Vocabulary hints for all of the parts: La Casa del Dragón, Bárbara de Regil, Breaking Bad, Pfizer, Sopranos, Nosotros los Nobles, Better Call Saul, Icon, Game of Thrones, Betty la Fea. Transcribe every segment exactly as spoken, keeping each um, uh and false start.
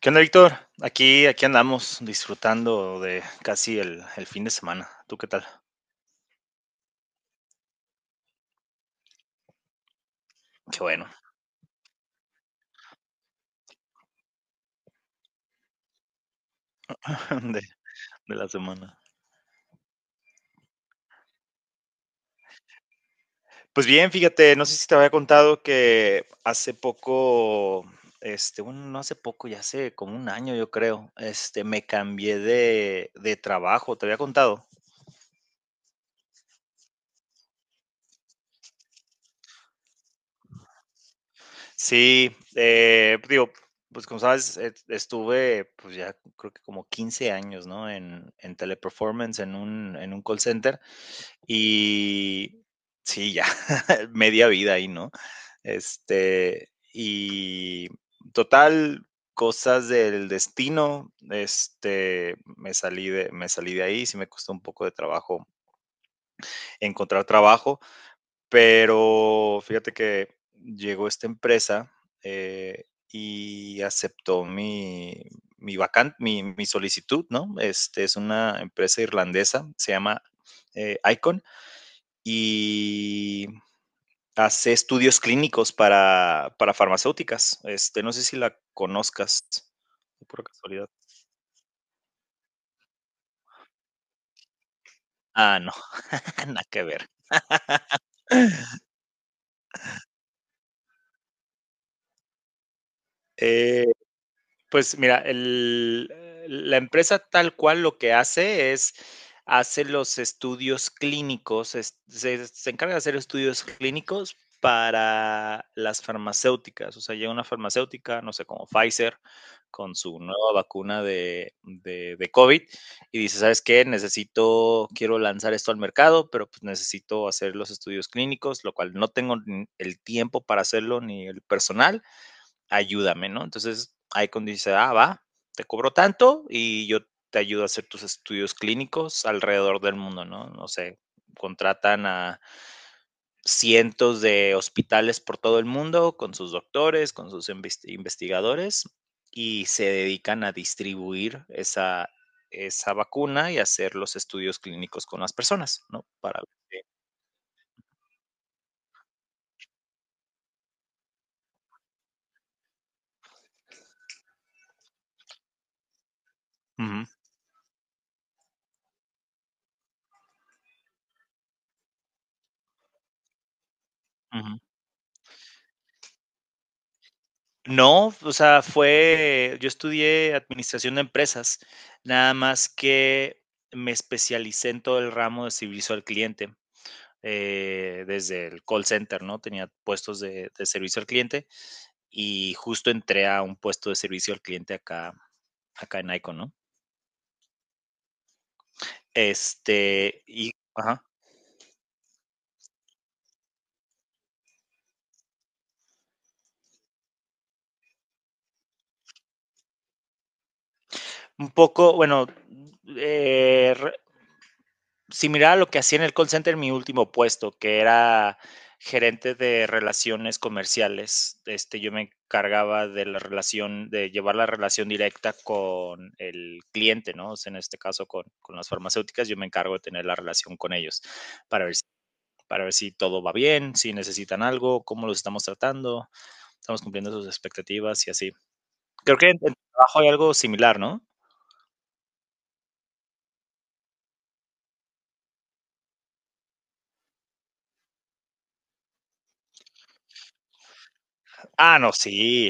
¿Qué onda, Víctor? Aquí, aquí andamos disfrutando de casi el, el fin de semana. ¿Tú qué tal? Qué bueno, de, de la semana. Pues bien, fíjate, no sé si te había contado que hace poco, este, bueno, no hace poco, ya hace como un año, yo creo, este, me cambié de, de trabajo. ¿Te había contado? Sí, eh, digo, pues como sabes, et- estuve, pues ya creo que como quince años, ¿no? En, en teleperformance, en un, en un call center. Y sí, ya, media vida ahí, ¿no? Este, y total, cosas del destino, este, me salí de, me salí de ahí. Sí me costó un poco de trabajo encontrar trabajo, pero fíjate que llegó esta empresa eh, y aceptó mi, mi, vacan- mi, mi solicitud, ¿no? Este, es una empresa irlandesa, se llama eh, Icon, y hace estudios clínicos para, para farmacéuticas. Este, no sé si la conozcas, por casualidad. Ah, no, nada que ver. Eh, Pues mira, el, la empresa tal cual lo que hace es, hace los estudios clínicos, es- se, se encarga de hacer estudios clínicos para las farmacéuticas. O sea, llega una farmacéutica, no sé, como Pfizer, con su nueva vacuna de, de, de COVID, y dice, ¿sabes qué? Necesito, quiero lanzar esto al mercado, pero pues necesito hacer los estudios clínicos, lo cual no tengo ni el tiempo para hacerlo ni el personal. Ayúdame, ¿no? Entonces, ahí cuando dice, ah, va, te cobro tanto y yo te ayudo a hacer tus estudios clínicos alrededor del mundo, ¿no? No sé, contratan a cientos de hospitales por todo el mundo con sus doctores, con sus investigadores, y se dedican a distribuir esa, esa vacuna y hacer los estudios clínicos con las personas, ¿no? Para ver. Uh -huh, uh -huh. No, o sea, fue yo estudié administración de empresas, nada más que me especialicé en todo el ramo de servicio al cliente, eh, desde el call center, ¿no? Tenía puestos de, de servicio al cliente, y justo entré a un puesto de servicio al cliente acá, acá en Icon, ¿no? Este, y, ajá, un poco, bueno, eh, re- similar a lo que hacía en el call center en mi último puesto, que era gerente de relaciones comerciales. Este, yo me encargaba de la relación, de llevar la relación directa con el cliente, ¿no? O sea, en este caso con, con las farmacéuticas, yo me encargo de tener la relación con ellos para ver si para ver si todo va bien, si necesitan algo, cómo los estamos tratando, estamos cumpliendo sus expectativas y así. Creo que en, en tu trabajo hay algo similar, ¿no? Ah, no, sí.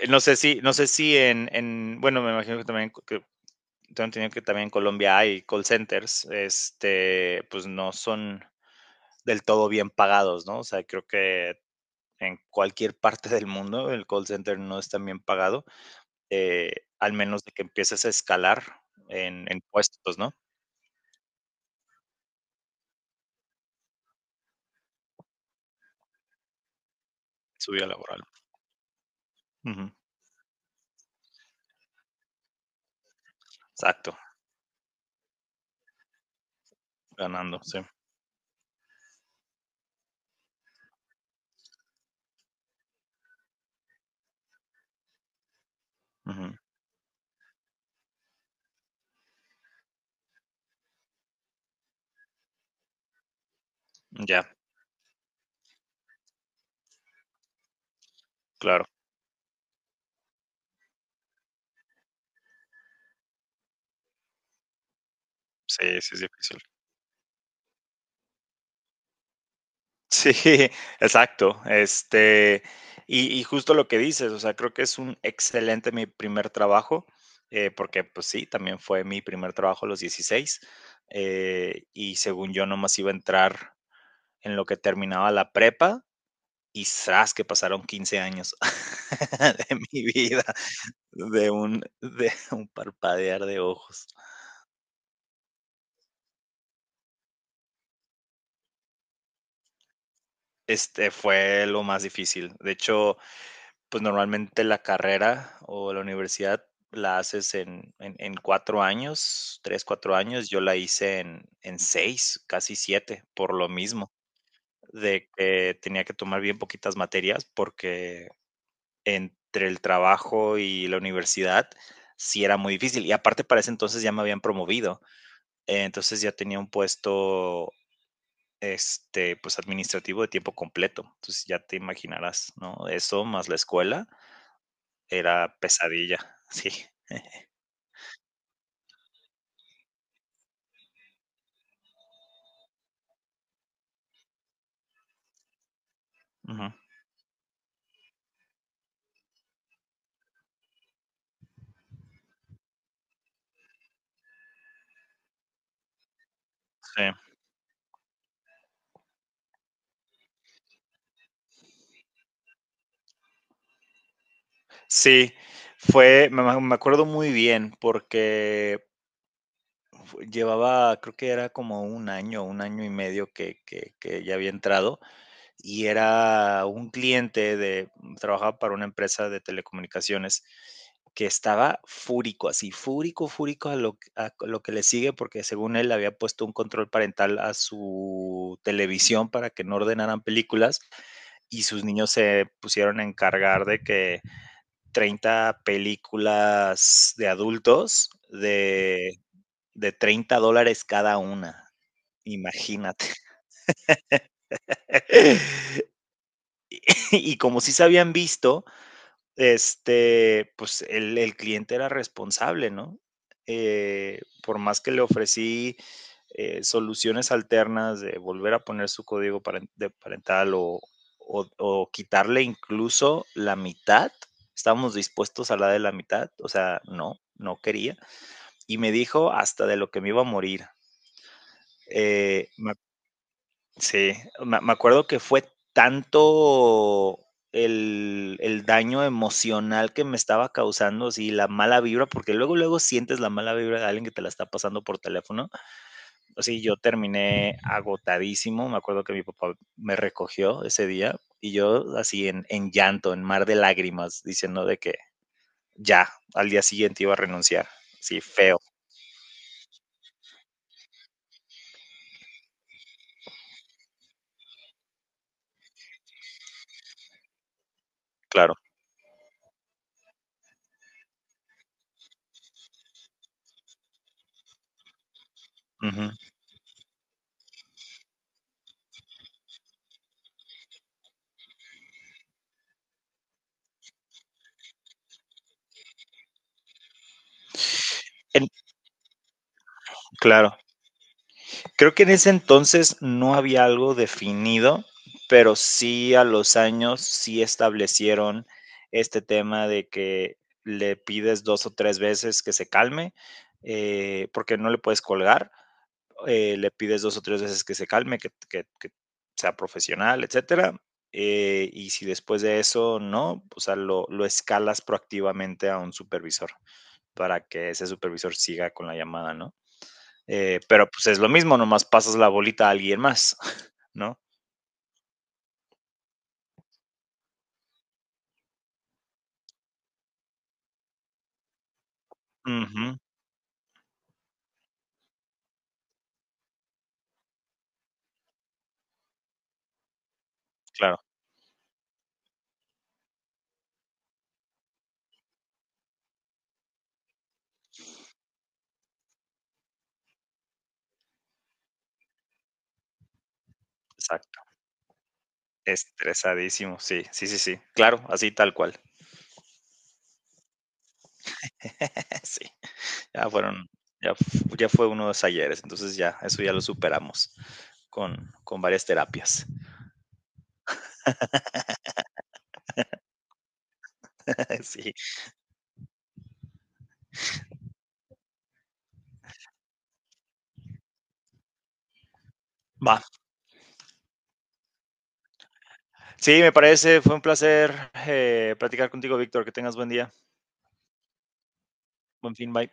Eh, No sé si, no sé si en, en- bueno, me imagino que también, que tengo entendido que también en Colombia hay call centers, este, pues no son del todo bien pagados, ¿no? O sea, creo que en cualquier parte del mundo el call center no es tan bien pagado, eh, al menos de que empieces a escalar en, en puestos, ¿no? Subida laboral. Uh -huh. Exacto, ganando, sí. Uh -huh. Ya, claro, sí, sí es difícil. Sí, exacto. Este, y, y justo lo que dices, o sea, creo que es un excelente mi primer trabajo, eh, porque pues sí, también fue mi primer trabajo a los dieciséis, eh, y según yo nomás iba a entrar en lo que terminaba la prepa, y zas, que pasaron quince años de mi vida, de un, de un parpadear de ojos. Este fue lo más difícil. De hecho, pues normalmente la carrera o la universidad la haces en, en, en cuatro años, tres, cuatro años. Yo la hice en, en seis, casi siete, por lo mismo, de que tenía que tomar bien poquitas materias porque entre el trabajo y la universidad sí era muy difícil. Y aparte para ese entonces ya me habían promovido, eh, entonces ya tenía un puesto, este, pues administrativo, de tiempo completo. Entonces ya te imaginarás, ¿no? Eso más la escuela era pesadilla, sí. Ujú. Sí. Sí, fue, me, me- acuerdo muy bien porque fu- llevaba, creo que era como un año, un año y medio que, que, que ya había entrado, y era un cliente de, mm, trabajaba para una empresa de telecomunicaciones que estaba fúrico, así, fúrico, fúrico a lo, que- a lo que le sigue, porque según él había puesto un control parental a su televisión para que no ordenaran películas, y sus niños se pusieron a encargar de que treinta películas de adultos de, de treinta dólares cada una. Imagínate. Y como sí se habían visto, Este, pues el, el cliente era responsable, ¿no? Eh, por más que le ofrecí eh, soluciones alternas de volver a poner su código paren- de parental, o, o- o quitarle incluso la mitad, estábamos dispuestos a la de la mitad, o sea, no, no quería. Y me dijo hasta de lo que me iba a morir. Eh, me Sí, me me acuerdo que fue tanto el el daño emocional que me estaba causando, sí, la mala vibra, porque luego, luego sientes la mala vibra de alguien que te la está pasando por teléfono. Así yo terminé agotadísimo, me acuerdo que mi papá me recogió ese día, y yo así en en llanto, en mar de lágrimas, diciendo de que ya, al día siguiente iba a renunciar. Sí, feo, claro. Ujú. En claro. Creo que en ese entonces no había algo definido, pero sí a los años sí establecieron este tema de que le pides dos o tres veces que se calme, eh, porque no le puedes colgar, eh, le pides dos o tres veces que se calme, que, que- que sea profesional, etcétera. eh, y si después de eso no, o sea, lo, lo escalas proactivamente a un supervisor, para que ese supervisor siga con la llamada, ¿no? Eh, pero pues es lo mismo, nomás pasas la bolita a alguien más, ¿no? Ujú, claro, exacto. Estresadísimo, sí, sí, sí, sí. Claro, así tal cual. Sí, ya fueron, ya, fu- ya fue uno de los ayeres, entonces ya, eso ya lo superamos con, con varias terapias. Sí, va. Sí, me parece, fue un placer eh, platicar contigo, Víctor. Que tengas buen día. Buen fin, bye.